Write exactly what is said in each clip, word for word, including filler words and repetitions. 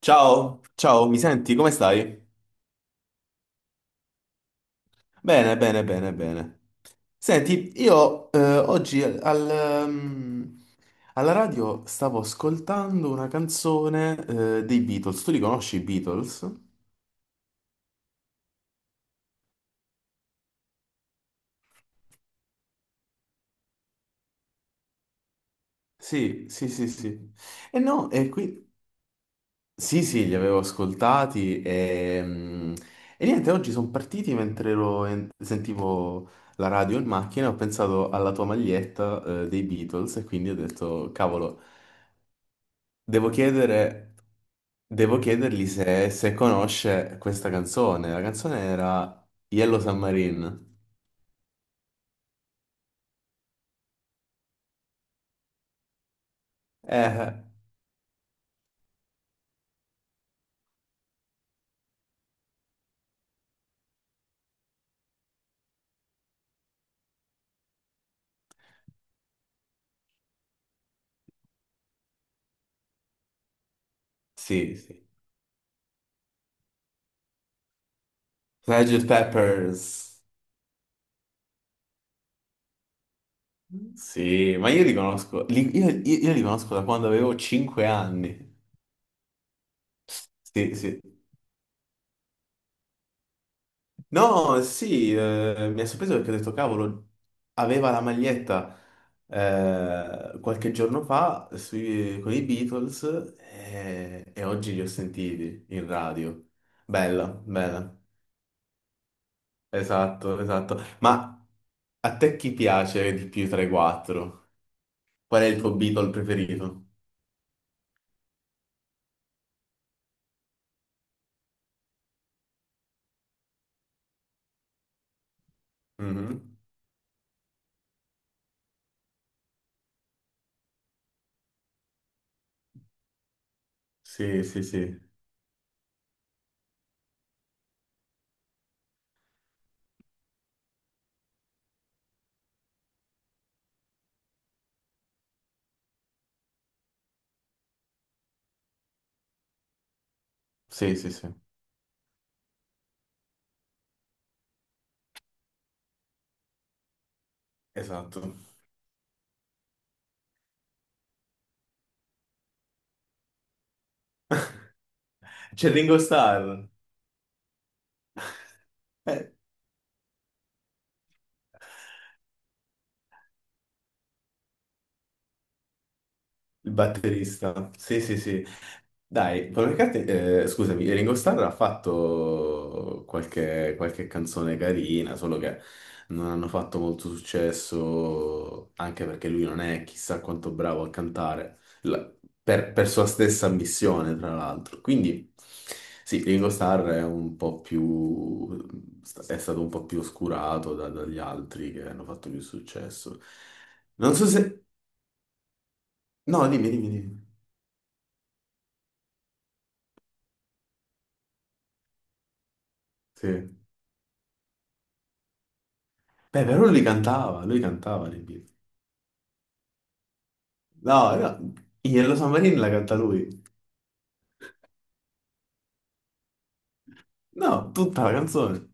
Ciao, ciao, mi senti? Come stai? Bene, bene, bene, bene. Senti, io eh, oggi al, ehm, alla radio stavo ascoltando una canzone eh, dei Beatles. Tu li conosci i Beatles? Sì, sì, sì, sì. E no, e qui... Sì, sì, li avevo ascoltati e, mm, e niente, oggi sono partiti mentre ero in- sentivo la radio in macchina, ho pensato alla tua maglietta eh, dei Beatles e quindi ho detto, cavolo. Devo chiedere, devo chiedergli se, se conosce questa canzone. La canzone era Yellow Submarine. Eh, sì, sì. sergeant Peppers. Sì, ma io li conosco, li- io, io- io li conosco da quando avevo cinque anni. Sì, sì. No, sì, eh, mi ha sorpreso perché ho detto, cavolo, aveva la maglietta eh, qualche giorno fa sui- con i Beatles e, e oggi li ho sentiti in radio. Bella, bella, esatto, esatto. Ma a te chi piace di più tra i quattro? Qual è il tuo Beatle preferito? Mhm. Sì, sì, sì, sì, sì, sì, esatto. C'è Ringo Starr. Il batterista, sì, sì, sì. Dai, Paul McCartney, eh, scusami, Ringo Starr ha fatto qualche, qualche canzone carina, solo che non hanno fatto molto successo, anche perché lui non è chissà quanto bravo a cantare, la- per, per sua stessa missione, tra l'altro. Quindi, sì, Ringo Starr è un po' più, è stato un po' più oscurato da- dagli altri che hanno fatto più successo. Non so se... No, dimmi, dimmi, dimmi. Sì. Beh, però lui cantava, lui cantava le Beatles. No, no, Yellow Submarine la canta lui. No, tutta la canzone.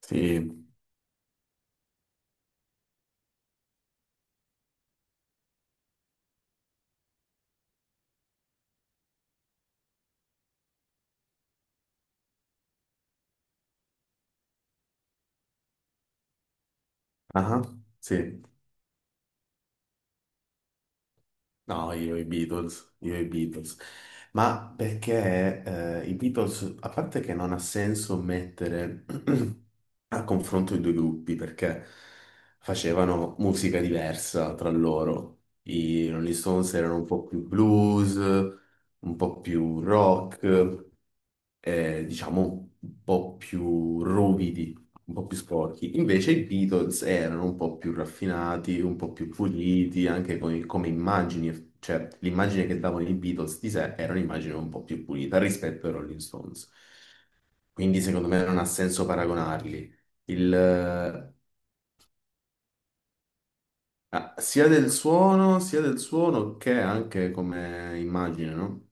Sì, ah, sì. No, io i Beatles, io i Beatles. Ma perché eh, i Beatles, a parte che non ha senso mettere a confronto i due gruppi, perché facevano musica diversa tra loro. I Rolling Stones erano un po' più blues, un po' più rock. Eh, diciamo, un po' più ruvidi, un po' più sporchi. Invece i Beatles erano un po' più raffinati, un po' più puliti, anche con- come immagini, cioè l'immagine che davano i Beatles di sé era un'immagine un po' più pulita rispetto ai Rolling Stones. Quindi secondo me non ha senso paragonarli. Il, eh, ah, Sia del suono, sia del suono che anche come immagine, no?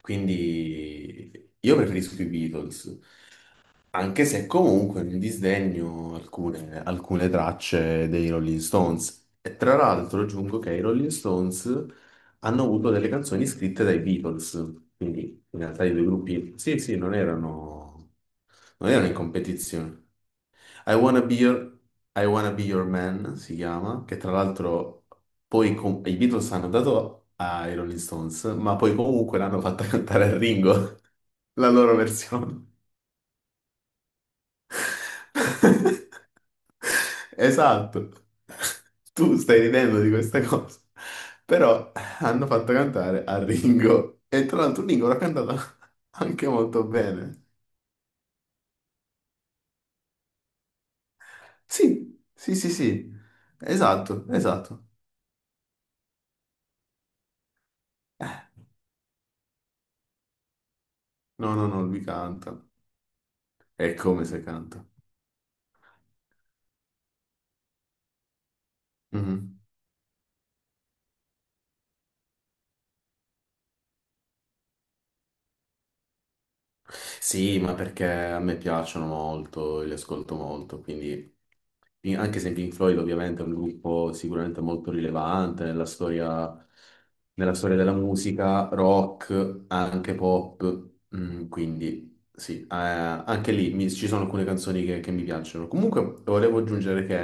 Quindi io preferisco i Beatles. Anche se comunque non disdegno alcune, alcune tracce dei Rolling Stones. E tra l'altro aggiungo che i Rolling Stones hanno avuto delle canzoni scritte dai Beatles, quindi in realtà i due gruppi, sì, sì, non erano, non erano in competizione. I Wanna Be Your, I Wanna Be Your Man si chiama, che tra l'altro poi com- i Beatles hanno dato ai Rolling Stones, ma poi comunque l'hanno fatta cantare a Ringo, la loro versione. Esatto. Tu stai ridendo di questa cosa. Però hanno fatto cantare a Ringo. E tra l'altro Ringo l'ha cantata anche molto bene. Sì, sì, sì, sì. Esatto, esatto. No, no, no, lui canta. È come se canta. Mhm. Sì, ma perché a me piacciono molto, li ascolto molto, quindi in- anche se Pink Floyd ovviamente è un gruppo sicuramente molto rilevante nella storia, nella storia della musica, rock, anche pop. Mm, quindi sì, eh, anche lì mi- ci sono alcune canzoni che, che mi piacciono. Comunque volevo aggiungere che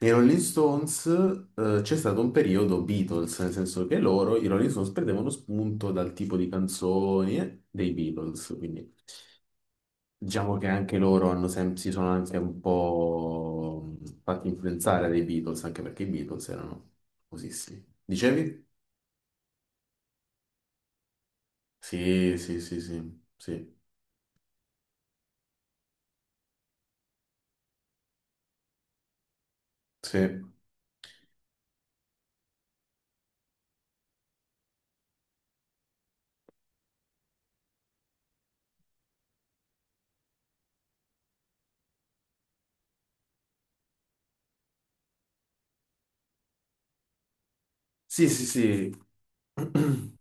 nei Rolling Stones eh, c'è stato un periodo Beatles, nel senso che loro, i Rolling Stones, prendevano spunto dal tipo di canzoni eh, dei Beatles, quindi diciamo che anche loro hanno sem- si sono anche un po' mh, fatti influenzare dai Beatles, anche perché i Beatles erano famosissimi. Dicevi? Sì, sì, sì, sì, sì, sì, sì, sì, sì.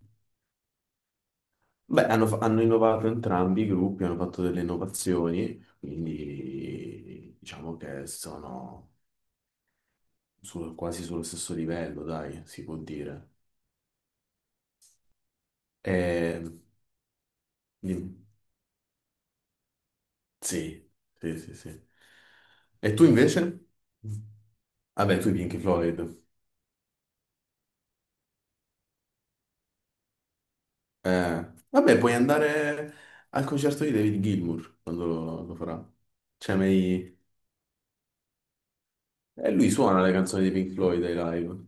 Beh, hanno, fa- hanno innovato entrambi i gruppi, hanno fatto delle innovazioni, quindi diciamo che sono sul- quasi sullo stesso livello, dai, si può dire. E- di- sì, sì, sì, sì. E tu invece? Vabbè, tu i Pink Floyd. Eh, vabbè, puoi andare al concerto di David Gilmour quando lo, lo farà. Cioè, mai... eh, Lui suona le canzoni di Pink Floyd ai live.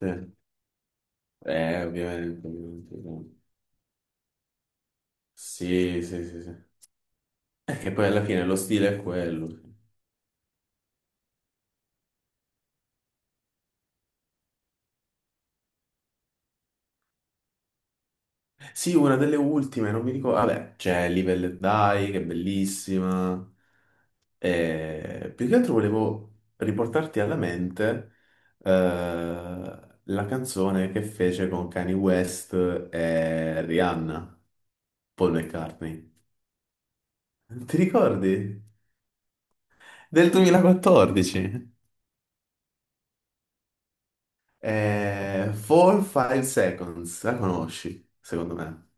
Sì. Eh, ovviamente, ovviamente. Sì, sì, sì, sì. È che poi alla fine lo stile è quello. Sì, una delle ultime, non mi ricordo. Vabbè, c'è Live e Let Die, che è bellissima. E più che altro volevo riportarti alla mente eh, la canzone che fece con Kanye West e Rihanna, Paul McCartney. Ti ricordi? Del duemilaquattordici. Eh, four five Seconds, la conosci, secondo me.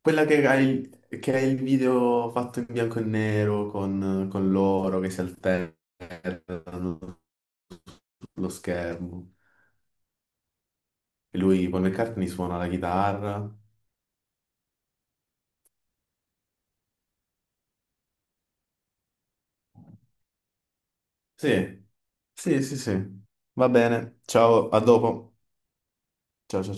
Quella che hai, che è il video fatto in bianco e nero con, con loro che si alternano sullo schermo. E lui, Paul McCartney, suona la chitarra. Sì, sì, sì, sì. Va bene. Ciao, a dopo. Ciao, ciao.